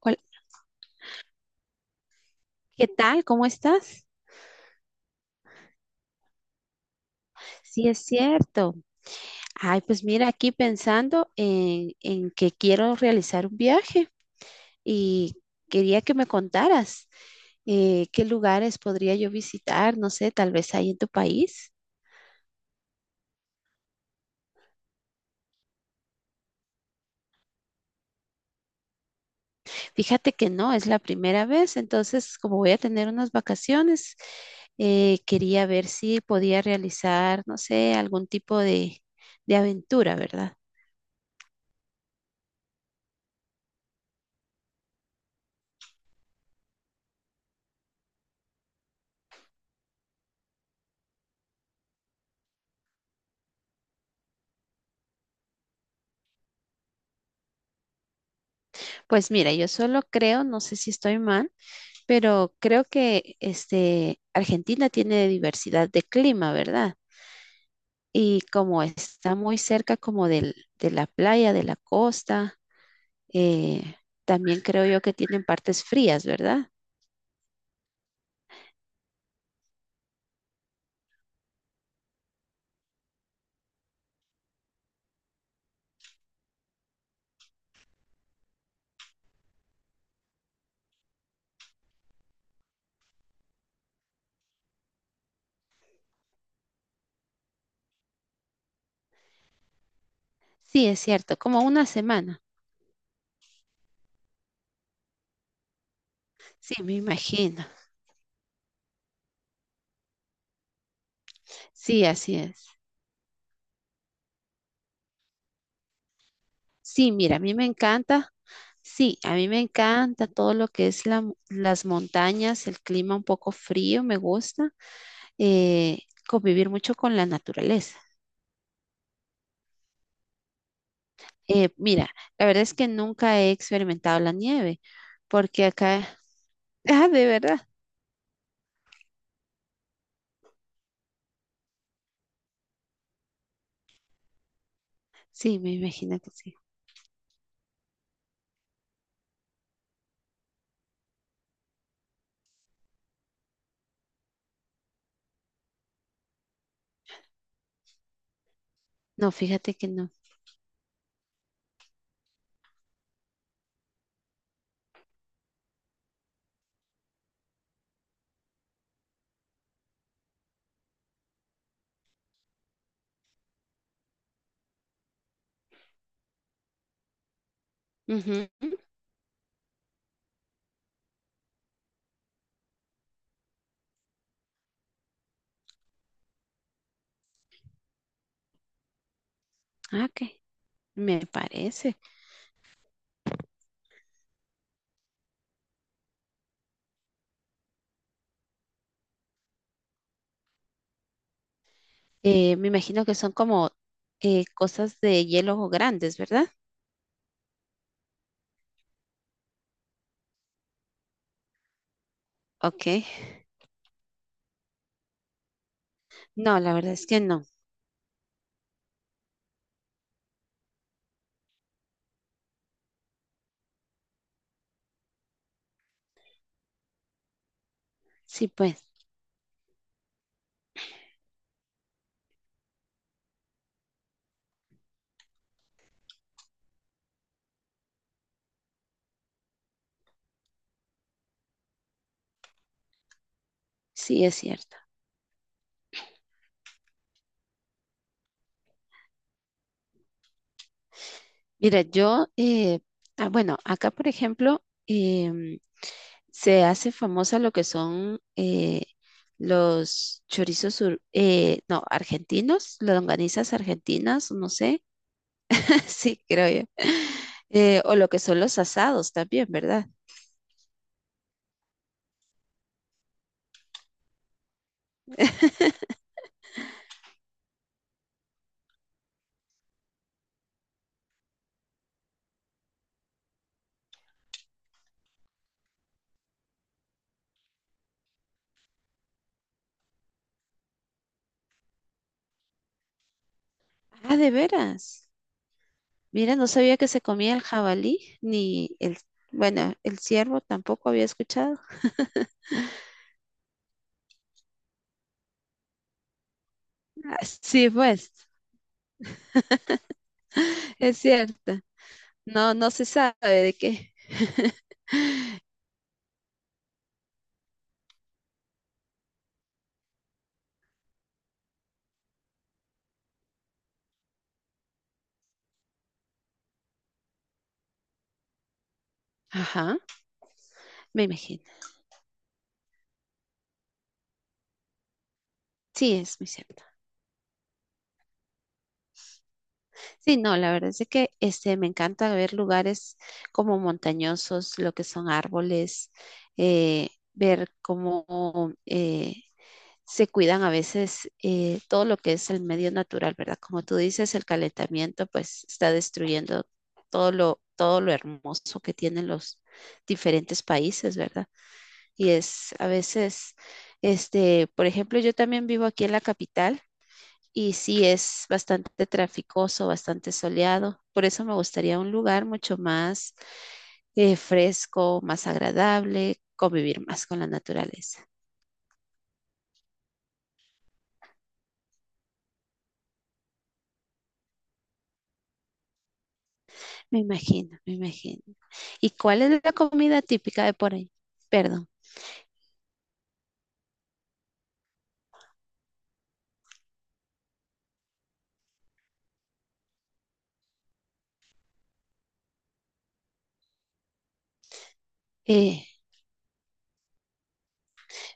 Hola, ¿qué tal? ¿Cómo estás? Sí, es cierto. Ay, pues mira, aquí pensando en que quiero realizar un viaje y quería que me contaras qué lugares podría yo visitar, no sé, tal vez ahí en tu país. Fíjate que no, es la primera vez, entonces como voy a tener unas vacaciones, quería ver si podía realizar, no sé, algún tipo de aventura, ¿verdad? Pues mira, yo solo creo, no sé si estoy mal. Pero creo que este, Argentina tiene diversidad de clima, ¿verdad? Y como está muy cerca como de la playa, de la costa, eh, también creo yo que tienen partes frías, ¿verdad? Sí, es cierto, como una semana. Sí, me imagino. Sí, así es. Sí, mira, a mí me encanta. Sí, a mí me encanta todo lo que es las montañas, el clima un poco frío, me gusta. eh, Convivir mucho con la naturaleza. Mira, la verdad es que nunca he experimentado la nieve, porque acá, ah, de verdad, sí, me imagino que sí. No, fíjate que no. Ujú. Ah, ok, me parece. Me imagino que son como cosas de hielo grandes, ¿verdad? Ok. No, la verdad es que no. Sí, pues, sí es cierto. Mira, yo, ah, bueno, acá por ejemplo, se hace famosa lo que son los chorizos, no, argentinos, las longanizas argentinas, no sé, sí, creo yo. O lo que son los asados también, ¿verdad? Ah, de veras. Mira, no sabía que se comía el jabalí, ni el, bueno, el ciervo tampoco había escuchado. Ah, sí, pues, es cierto. No, no se sabe de qué. Ajá. Me imagino. Sí, es muy cierto. Sí, no, la verdad es de que este, me encanta ver lugares como montañosos, lo que son árboles, ver cómo se cuidan a veces todo lo que es el medio natural, ¿verdad? Como tú dices, el calentamiento pues está destruyendo todo lo hermoso que tienen los diferentes países, ¿verdad? Y es a veces, este, por ejemplo, yo también vivo aquí en la capital. Y sí, es bastante traficoso, bastante soleado. Por eso me gustaría un lugar mucho más fresco, más agradable, convivir más con la naturaleza. Me imagino, me imagino. ¿Y cuál es la comida típica de por ahí? Perdón. eh,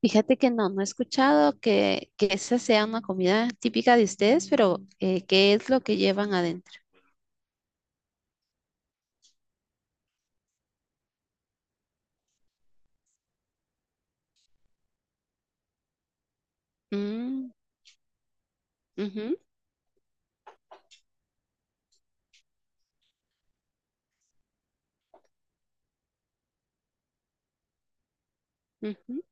Fíjate que no, no he escuchado que esa sea una comida típica de ustedes, pero ¿qué es lo que llevan adentro? Mm, ujú, ujú.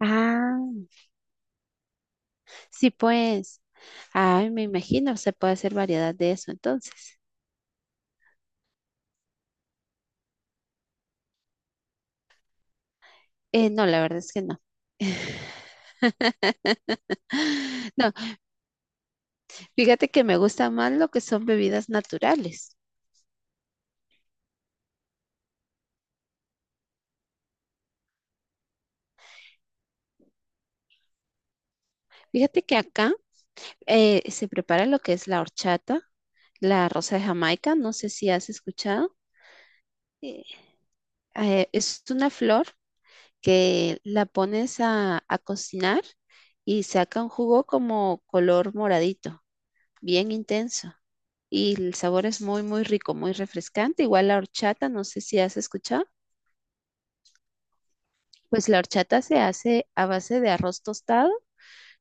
Ah, sí, pues. Ay, me imagino, se puede hacer variedad de eso entonces. No, la verdad es que no. No, fíjate que me gusta más lo que son bebidas naturales. Fíjate que acá se prepara lo que es la horchata, la rosa de Jamaica, no sé si has escuchado. Eh, es una flor que la pones a cocinar y saca un jugo como color moradito, bien intenso. Y el sabor es muy, muy rico, muy refrescante. Igual la horchata, no sé si has escuchado. Pues la horchata se hace a base de arroz tostado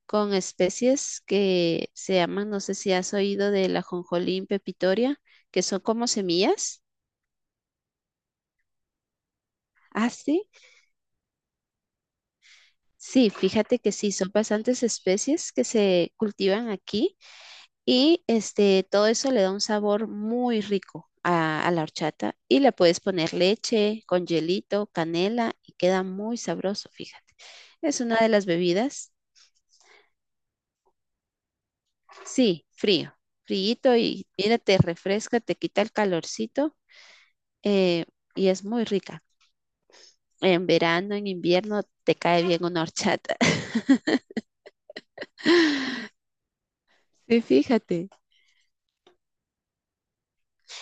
con especies que se llaman, no sé si has oído de la jonjolín pepitoria, que son como semillas. Ah, sí. Sí, fíjate que sí, son bastantes especies que se cultivan aquí. Y este, todo eso le da un sabor muy rico a la horchata y le puedes poner leche con hielito, canela y queda muy sabroso, fíjate. Es una de las bebidas, sí, frío, fríito, y mira, te refresca, te quita el calorcito eh, y es muy rica. En verano, en invierno, te cae bien una horchata. Sí, fíjate.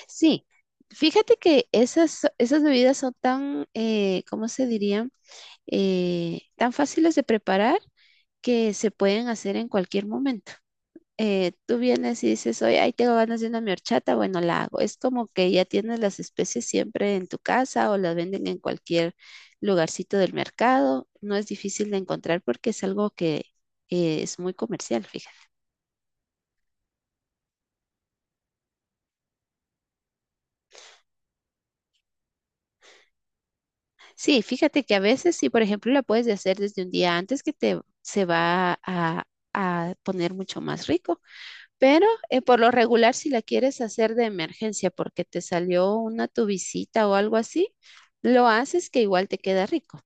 Sí, fíjate que esas bebidas son tan, ¿cómo se diría? Tan fáciles de preparar que se pueden hacer en cualquier momento. Tú vienes y dices, oye, ahí tengo ganas de una mi horchata, bueno, la hago. Es como que ya tienes las especies siempre en tu casa o las venden en cualquier lugarcito del mercado. No es difícil de encontrar porque es algo que es muy comercial, fíjate. Sí, fíjate que a veces, sí, por ejemplo, la puedes de hacer desde un día antes que te se va a poner mucho más rico. Pero por lo regular, si la quieres hacer de emergencia porque te salió una tu visita o algo así, lo haces que igual te queda rico.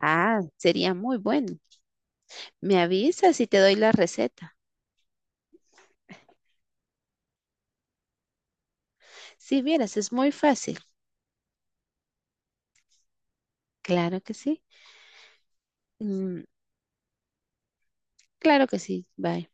Ah, sería muy bueno. Me avisas y te doy la receta. Si vieras, es muy fácil. Claro que sí. Mm, claro que sí. Bye.